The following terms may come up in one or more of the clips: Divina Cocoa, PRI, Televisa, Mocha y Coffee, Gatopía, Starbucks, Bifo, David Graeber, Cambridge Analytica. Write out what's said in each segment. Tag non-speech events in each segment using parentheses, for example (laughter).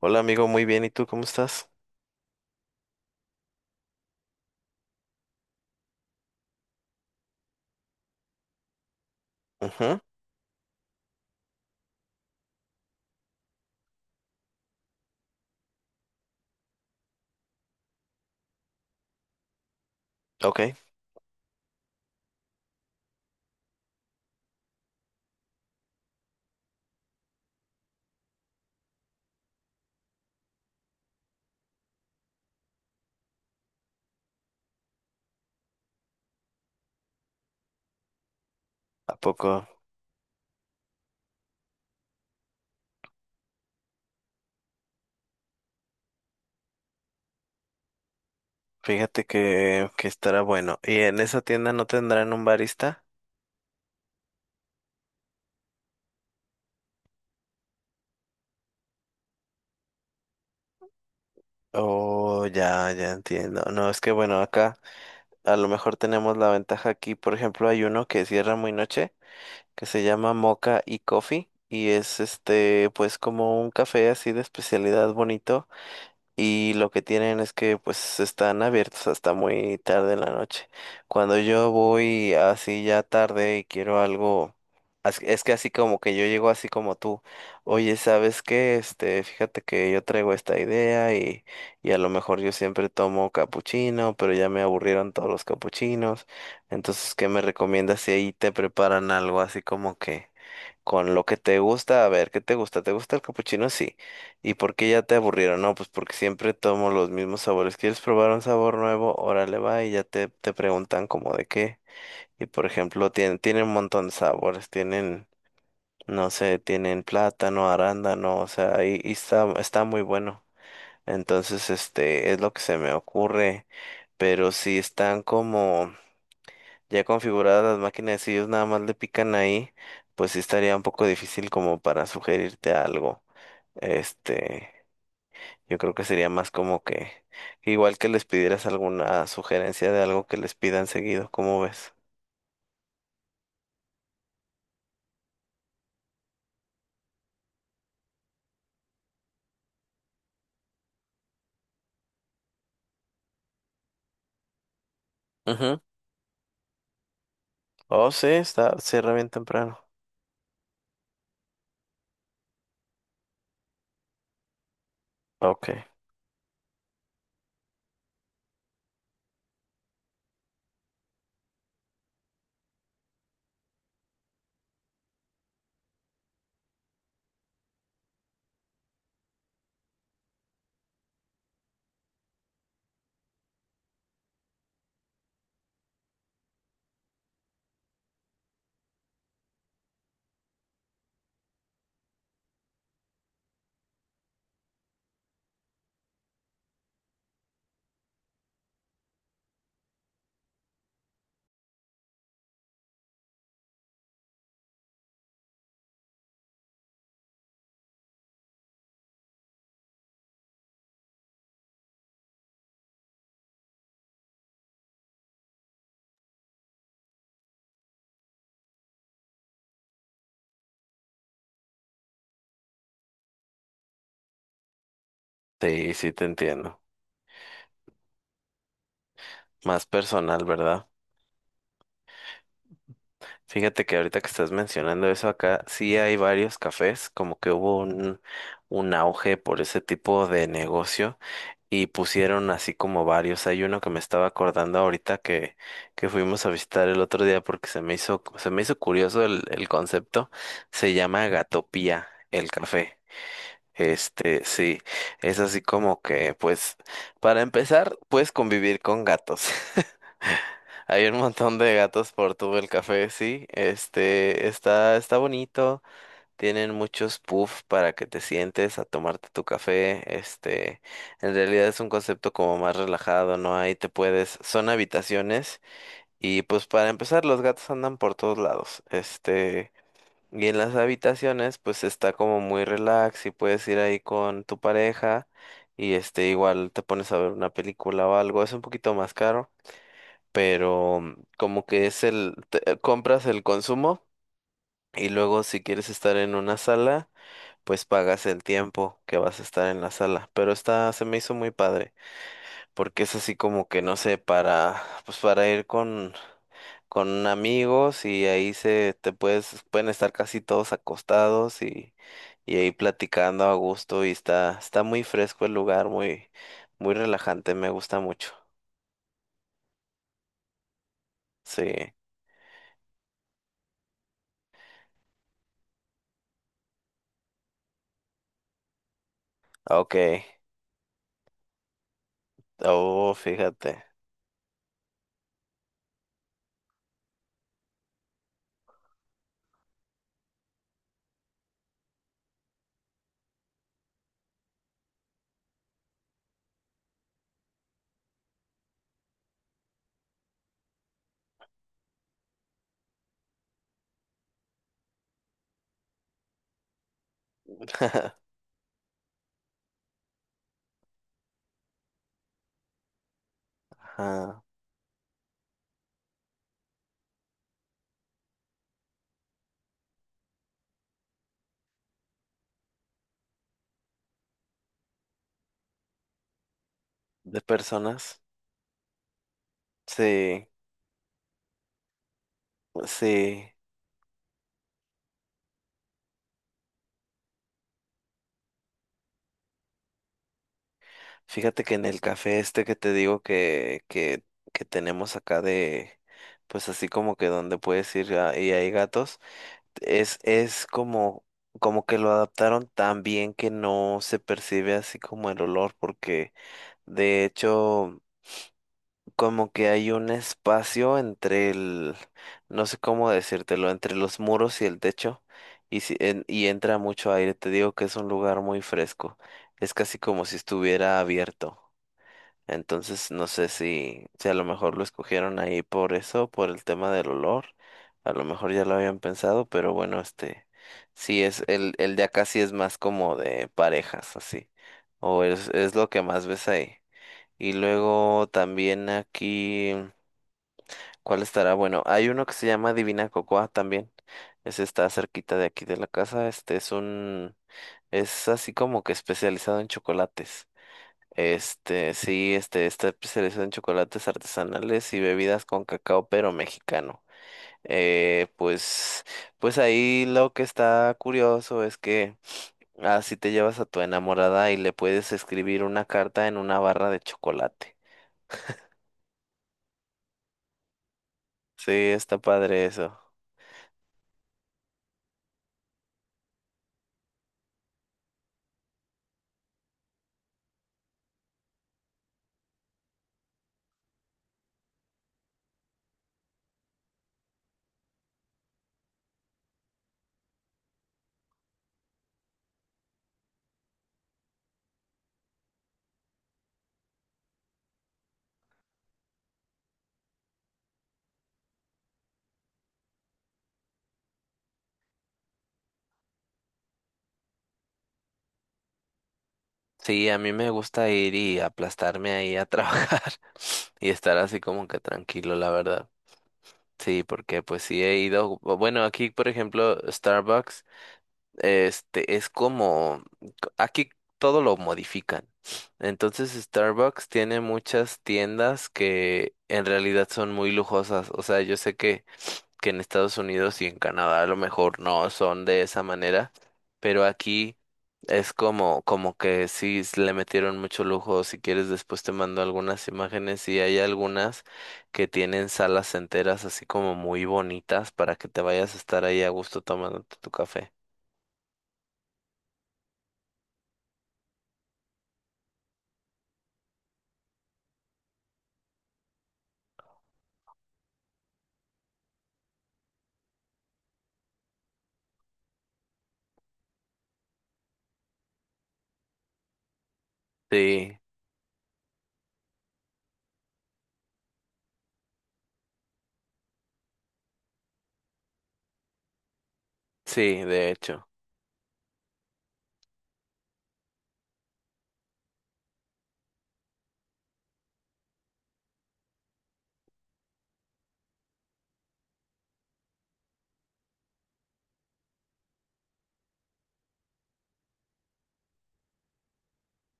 Hola amigo, muy bien. ¿Y tú cómo estás? Ujú. Ok. ¿A poco? Fíjate que estará bueno. ¿Y en esa tienda no tendrán un barista? Oh, ya, ya entiendo. No, es que bueno, acá a lo mejor tenemos la ventaja aquí. Por ejemplo, hay uno que cierra muy noche, que se llama Mocha y Coffee. Y es este, pues como un café así de especialidad bonito. Y lo que tienen es que pues están abiertos hasta muy tarde en la noche. Cuando yo voy así ya tarde y quiero algo, es que así como que yo llego así como tú, oye, ¿sabes qué? Este, fíjate que yo traigo esta idea y a lo mejor yo siempre tomo capuchino, pero ya me aburrieron todos los capuchinos. Entonces, ¿qué me recomiendas si ahí te preparan algo así como que con lo que te gusta? A ver, ¿qué te gusta? ¿Te gusta el capuchino? Sí. ¿Y por qué ya te aburrieron? No, pues porque siempre tomo los mismos sabores. ¿Quieres probar un sabor nuevo? Órale, va, y ya te preguntan como de qué. Y por ejemplo, tienen un montón de sabores, tienen, no sé, tienen plátano, arándano, o sea, y está muy bueno. Entonces, este, es lo que se me ocurre. Pero si están como ya configuradas las máquinas, si ellos nada más le pican ahí, pues sí estaría un poco difícil como para sugerirte algo. Este, yo creo que sería más como que, igual, que les pidieras alguna sugerencia de algo que les pidan seguido. ¿Cómo ves? Ujú. Oh, sí, cierra bien temprano. Ok. Sí, sí te entiendo. Más personal, ¿verdad? Fíjate que ahorita que estás mencionando eso acá, sí hay varios cafés, como que hubo un auge por ese tipo de negocio. Y pusieron así como varios. Hay uno que me estaba acordando ahorita que fuimos a visitar el otro día porque se me hizo curioso el concepto. Se llama Gatopía, el café. Este, sí, es así como que, pues, para empezar, puedes convivir con gatos. (laughs) Hay un montón de gatos por todo el café, sí. Este, está bonito. Tienen muchos puffs para que te sientes a tomarte tu café. Este, en realidad es un concepto como más relajado, ¿no? Ahí son habitaciones y pues para empezar los gatos andan por todos lados. Este, y en las habitaciones pues está como muy relax y puedes ir ahí con tu pareja y este, igual te pones a ver una película o algo. Es un poquito más caro, pero como que compras el consumo y luego si quieres estar en una sala pues pagas el tiempo que vas a estar en la sala. Pero esta se me hizo muy padre, porque es así como que, no sé, pues para ir con amigos y ahí pueden estar casi todos acostados y ahí platicando a gusto y está muy fresco el lugar, muy, muy relajante, me gusta mucho. Sí, ok. Oh, fíjate. (laughs) Ajá. De personas. Sí, sí. Fíjate que en el café este que te digo que tenemos acá de, pues así como que donde puedes ir y hay gatos, es como que lo adaptaron tan bien que no se percibe así como el olor, porque de hecho como que hay un espacio entre el, no sé cómo decírtelo, entre los muros y el techo, y, si, y entra mucho aire, te digo que es un lugar muy fresco, es casi como si estuviera abierto. Entonces no sé si a lo mejor lo escogieron ahí por eso, por el tema del olor. A lo mejor ya lo habían pensado, pero bueno, este, el de acá sí es más como de parejas, así. O es lo que más ves ahí. Y luego también aquí, ¿cuál estará? Bueno, hay uno que se llama Divina Cocoa también. Ese está cerquita de aquí de la casa. Este es así como que especializado en chocolates. Este, sí, este, está especializado en chocolates artesanales y bebidas con cacao, pero mexicano. Eh, pues, pues ahí lo que está curioso es que así te llevas a tu enamorada y le puedes escribir una carta en una barra de chocolate. Sí, está padre eso. Sí, a mí me gusta ir y aplastarme ahí a trabajar (laughs) y estar así como que tranquilo, la verdad. Sí, porque pues sí he ido, bueno, aquí por ejemplo, Starbucks. Este es como, aquí todo lo modifican. Entonces Starbucks tiene muchas tiendas que en realidad son muy lujosas. O sea, yo sé que en Estados Unidos y en Canadá a lo mejor no son de esa manera, pero aquí es como que sí le metieron mucho lujo. Si quieres, después te mando algunas imágenes y hay algunas que tienen salas enteras así como muy bonitas para que te vayas a estar ahí a gusto tomándote tu café. Sí, sí, de hecho.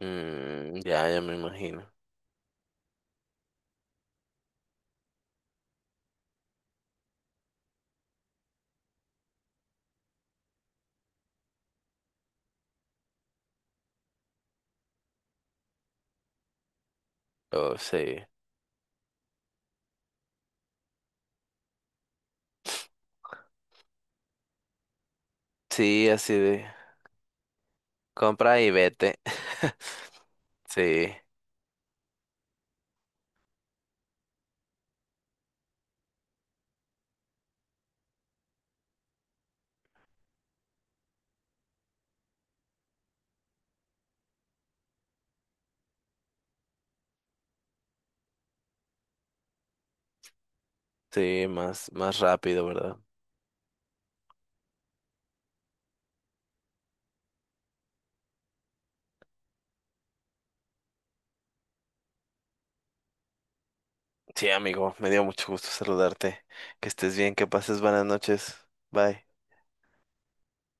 Ya, ya me imagino. Oh, sí. Sí, así de compra y vete. (laughs) Sí, sí, más, más rápido, ¿verdad? Sí, amigo, me dio mucho gusto saludarte. Que estés bien, que pases buenas noches. Bye.